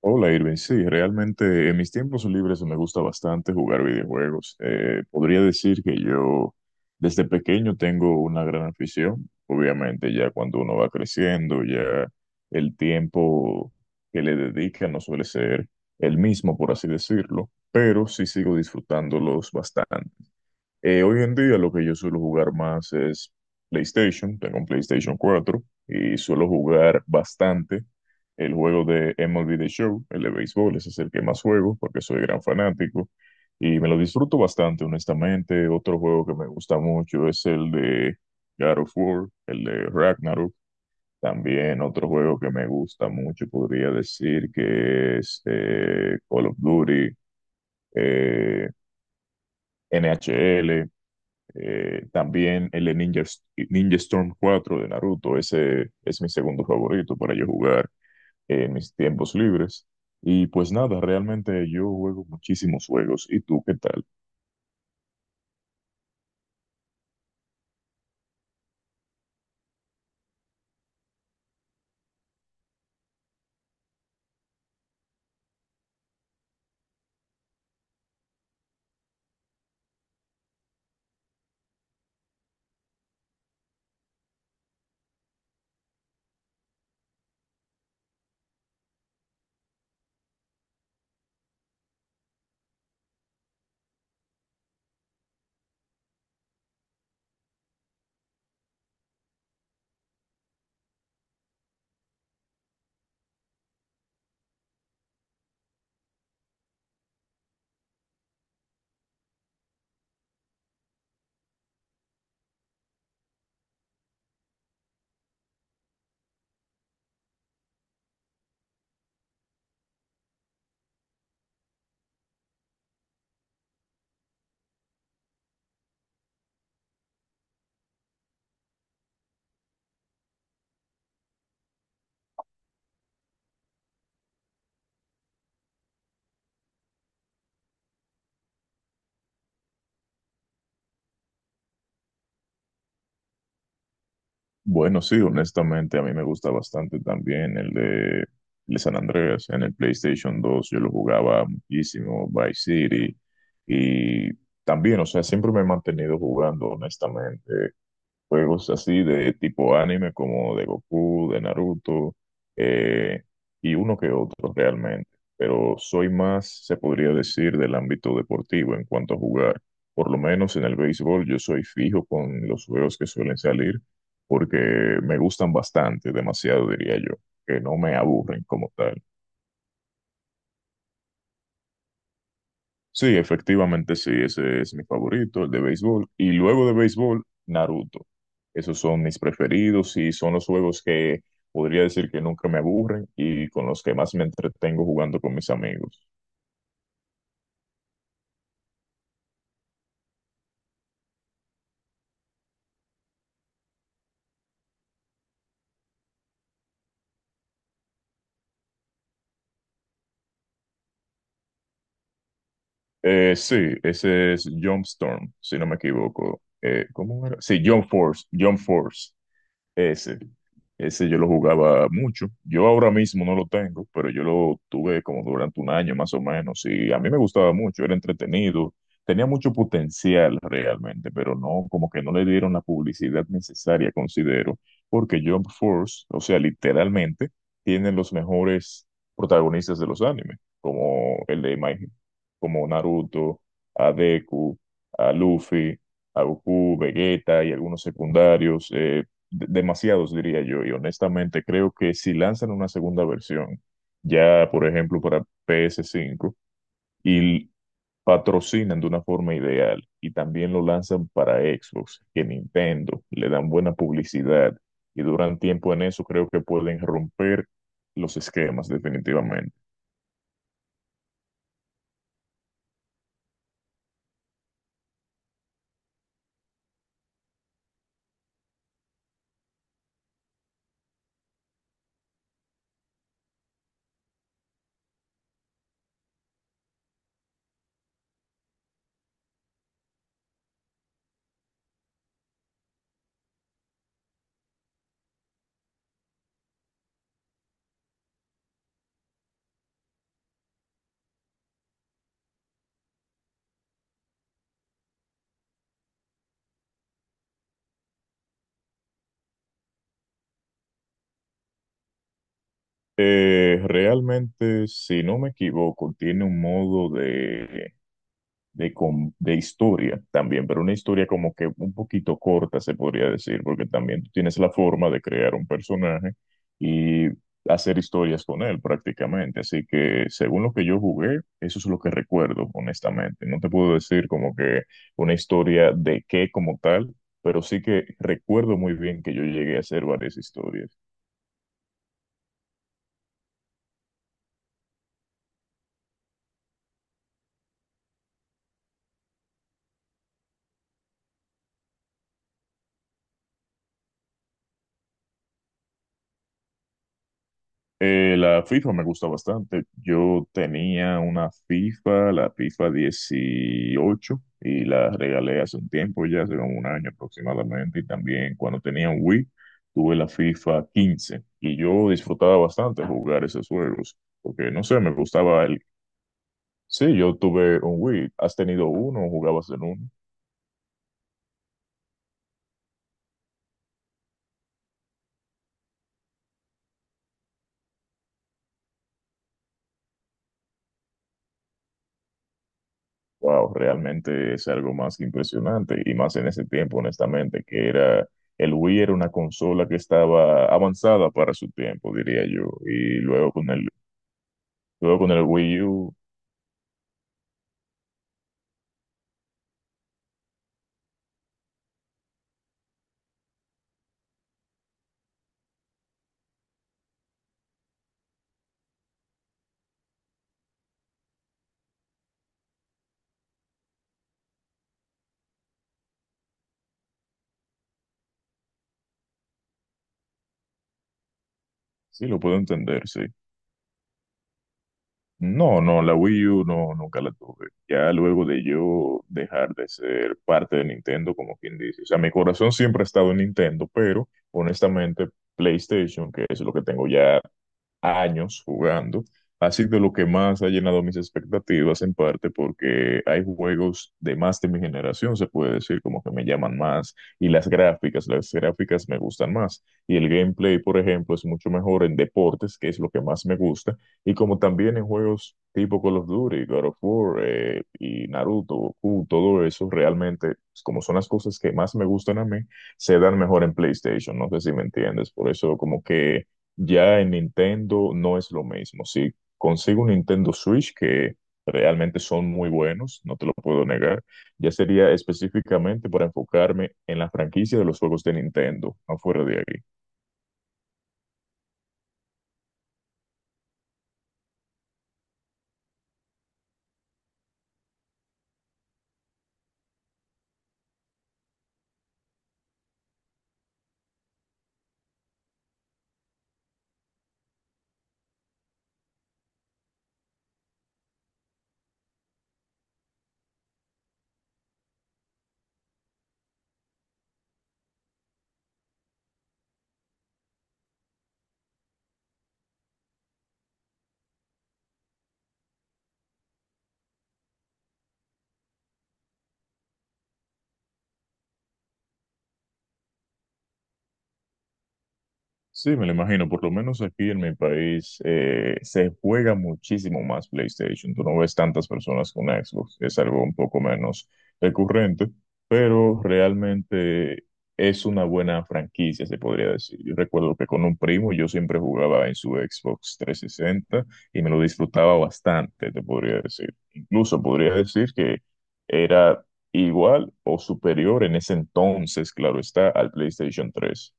Hola Irving, sí, realmente en mis tiempos libres me gusta bastante jugar videojuegos. Podría decir que yo desde pequeño tengo una gran afición. Obviamente ya cuando uno va creciendo, ya el tiempo que le dedica no suele ser el mismo, por así decirlo, pero sí sigo disfrutándolos bastante. Hoy en día lo que yo suelo jugar más es PlayStation, tengo un PlayStation 4 y suelo jugar bastante el juego de MLB The Show, el de béisbol, ese es el que más juego porque soy gran fanático y me lo disfruto bastante, honestamente. Otro juego que me gusta mucho es el de God of War, el de Ragnarok. También otro juego que me gusta mucho podría decir que es Call of Duty. Eh, NHL, también el de Ninja, Ninja Storm 4 de Naruto, ese es mi segundo favorito para yo jugar en mis tiempos libres. Y pues nada, realmente yo juego muchísimos juegos. ¿Y tú qué tal? Bueno, sí, honestamente a mí me gusta bastante también el de San Andreas en el PlayStation 2. Yo lo jugaba muchísimo, Vice City. Y también, o sea, siempre me he mantenido jugando, honestamente, juegos así de tipo anime como de Goku, de Naruto, eh, y uno que otro realmente. Pero soy más, se podría decir, del ámbito deportivo en cuanto a jugar. Por lo menos en el béisbol yo soy fijo con los juegos que suelen salir porque me gustan bastante, demasiado diría yo, que no me aburren como tal. Sí, efectivamente sí, ese es mi favorito, el de béisbol. Y luego de béisbol, Naruto. Esos son mis preferidos y son los juegos que podría decir que nunca me aburren y con los que más me entretengo jugando con mis amigos. Sí, ese es Jump Storm, si no me equivoco. ¿Cómo era? Sí, Jump Force, Jump Force. Ese, ese yo lo jugaba mucho. Yo ahora mismo no lo tengo, pero yo lo tuve como durante un año más o menos. Y a mí me gustaba mucho, era entretenido, tenía mucho potencial realmente, pero no, como que no le dieron la publicidad necesaria, considero, porque Jump Force, o sea, literalmente, tienen los mejores protagonistas de los animes, como el de My, como Naruto, a Deku, a Luffy a Goku, Vegeta y algunos secundarios. Demasiados, diría yo, y honestamente creo que si lanzan una segunda versión, ya por ejemplo para PS5, y patrocinan de una forma ideal, y también lo lanzan para Xbox, que Nintendo, le dan buena publicidad, y duran tiempo en eso, creo que pueden romper los esquemas definitivamente. Realmente, si no me equivoco, tiene un modo de historia también, pero una historia como que un poquito corta, se podría decir, porque también tú tienes la forma de crear un personaje y hacer historias con él prácticamente. Así que según lo que yo jugué, eso es lo que recuerdo, honestamente. No te puedo decir como que una historia de qué como tal, pero sí que recuerdo muy bien que yo llegué a hacer varias historias. La FIFA me gusta bastante. Yo tenía una FIFA, la FIFA 18, y la regalé hace un tiempo, ya hace como un año aproximadamente. Y también cuando tenía un Wii, tuve la FIFA 15. Y yo disfrutaba bastante jugar esos juegos, porque no sé, me gustaba el... Sí, yo tuve un Wii. ¿Has tenido uno o jugabas en uno? Wow, realmente es algo más que impresionante y más en ese tiempo, honestamente, que era el Wii era una consola que estaba avanzada para su tiempo, diría yo, luego con el Wii U, sí lo puedo entender, sí. No, no, la Wii U no nunca la tuve. Ya luego de yo dejar de ser parte de Nintendo, como quien dice, o sea, mi corazón siempre ha estado en Nintendo, pero honestamente PlayStation, que es lo que tengo ya años jugando, ha sido lo que más ha llenado mis expectativas, en parte porque hay juegos de más de mi generación, se puede decir, como que me llaman más, y las gráficas me gustan más, y el gameplay, por ejemplo, es mucho mejor en deportes, que es lo que más me gusta, y como también en juegos tipo Call of Duty, God of War, y Naruto, Goku, todo eso, realmente, pues, como son las cosas que más me gustan a mí, se dan mejor en PlayStation, no sé si me entiendes, por eso como que ya en Nintendo no es lo mismo. Si consigo un Nintendo Switch, que realmente son muy buenos, no te lo puedo negar, ya sería específicamente para enfocarme en la franquicia de los juegos de Nintendo, no fuera de ahí. Sí, me lo imagino. Por lo menos aquí en mi país se juega muchísimo más PlayStation. Tú no ves tantas personas con Xbox. Es algo un poco menos recurrente, pero realmente es una buena franquicia, se podría decir. Yo recuerdo que con un primo yo siempre jugaba en su Xbox 360 y me lo disfrutaba bastante, te podría decir. Incluso podría decir que era igual o superior en ese entonces, claro está, al PlayStation 3.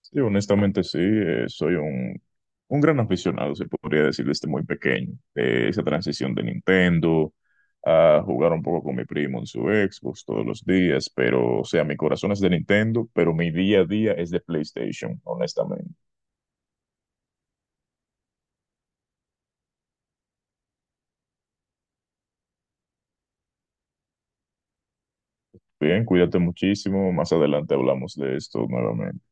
Sí, honestamente sí, un gran aficionado, se podría decir desde muy pequeño. Esa transición de Nintendo a jugar un poco con mi primo en su Xbox todos los días, pero o sea, mi corazón es de Nintendo, pero mi día a día es de PlayStation, honestamente. Bien, cuídate muchísimo, más adelante hablamos de esto nuevamente.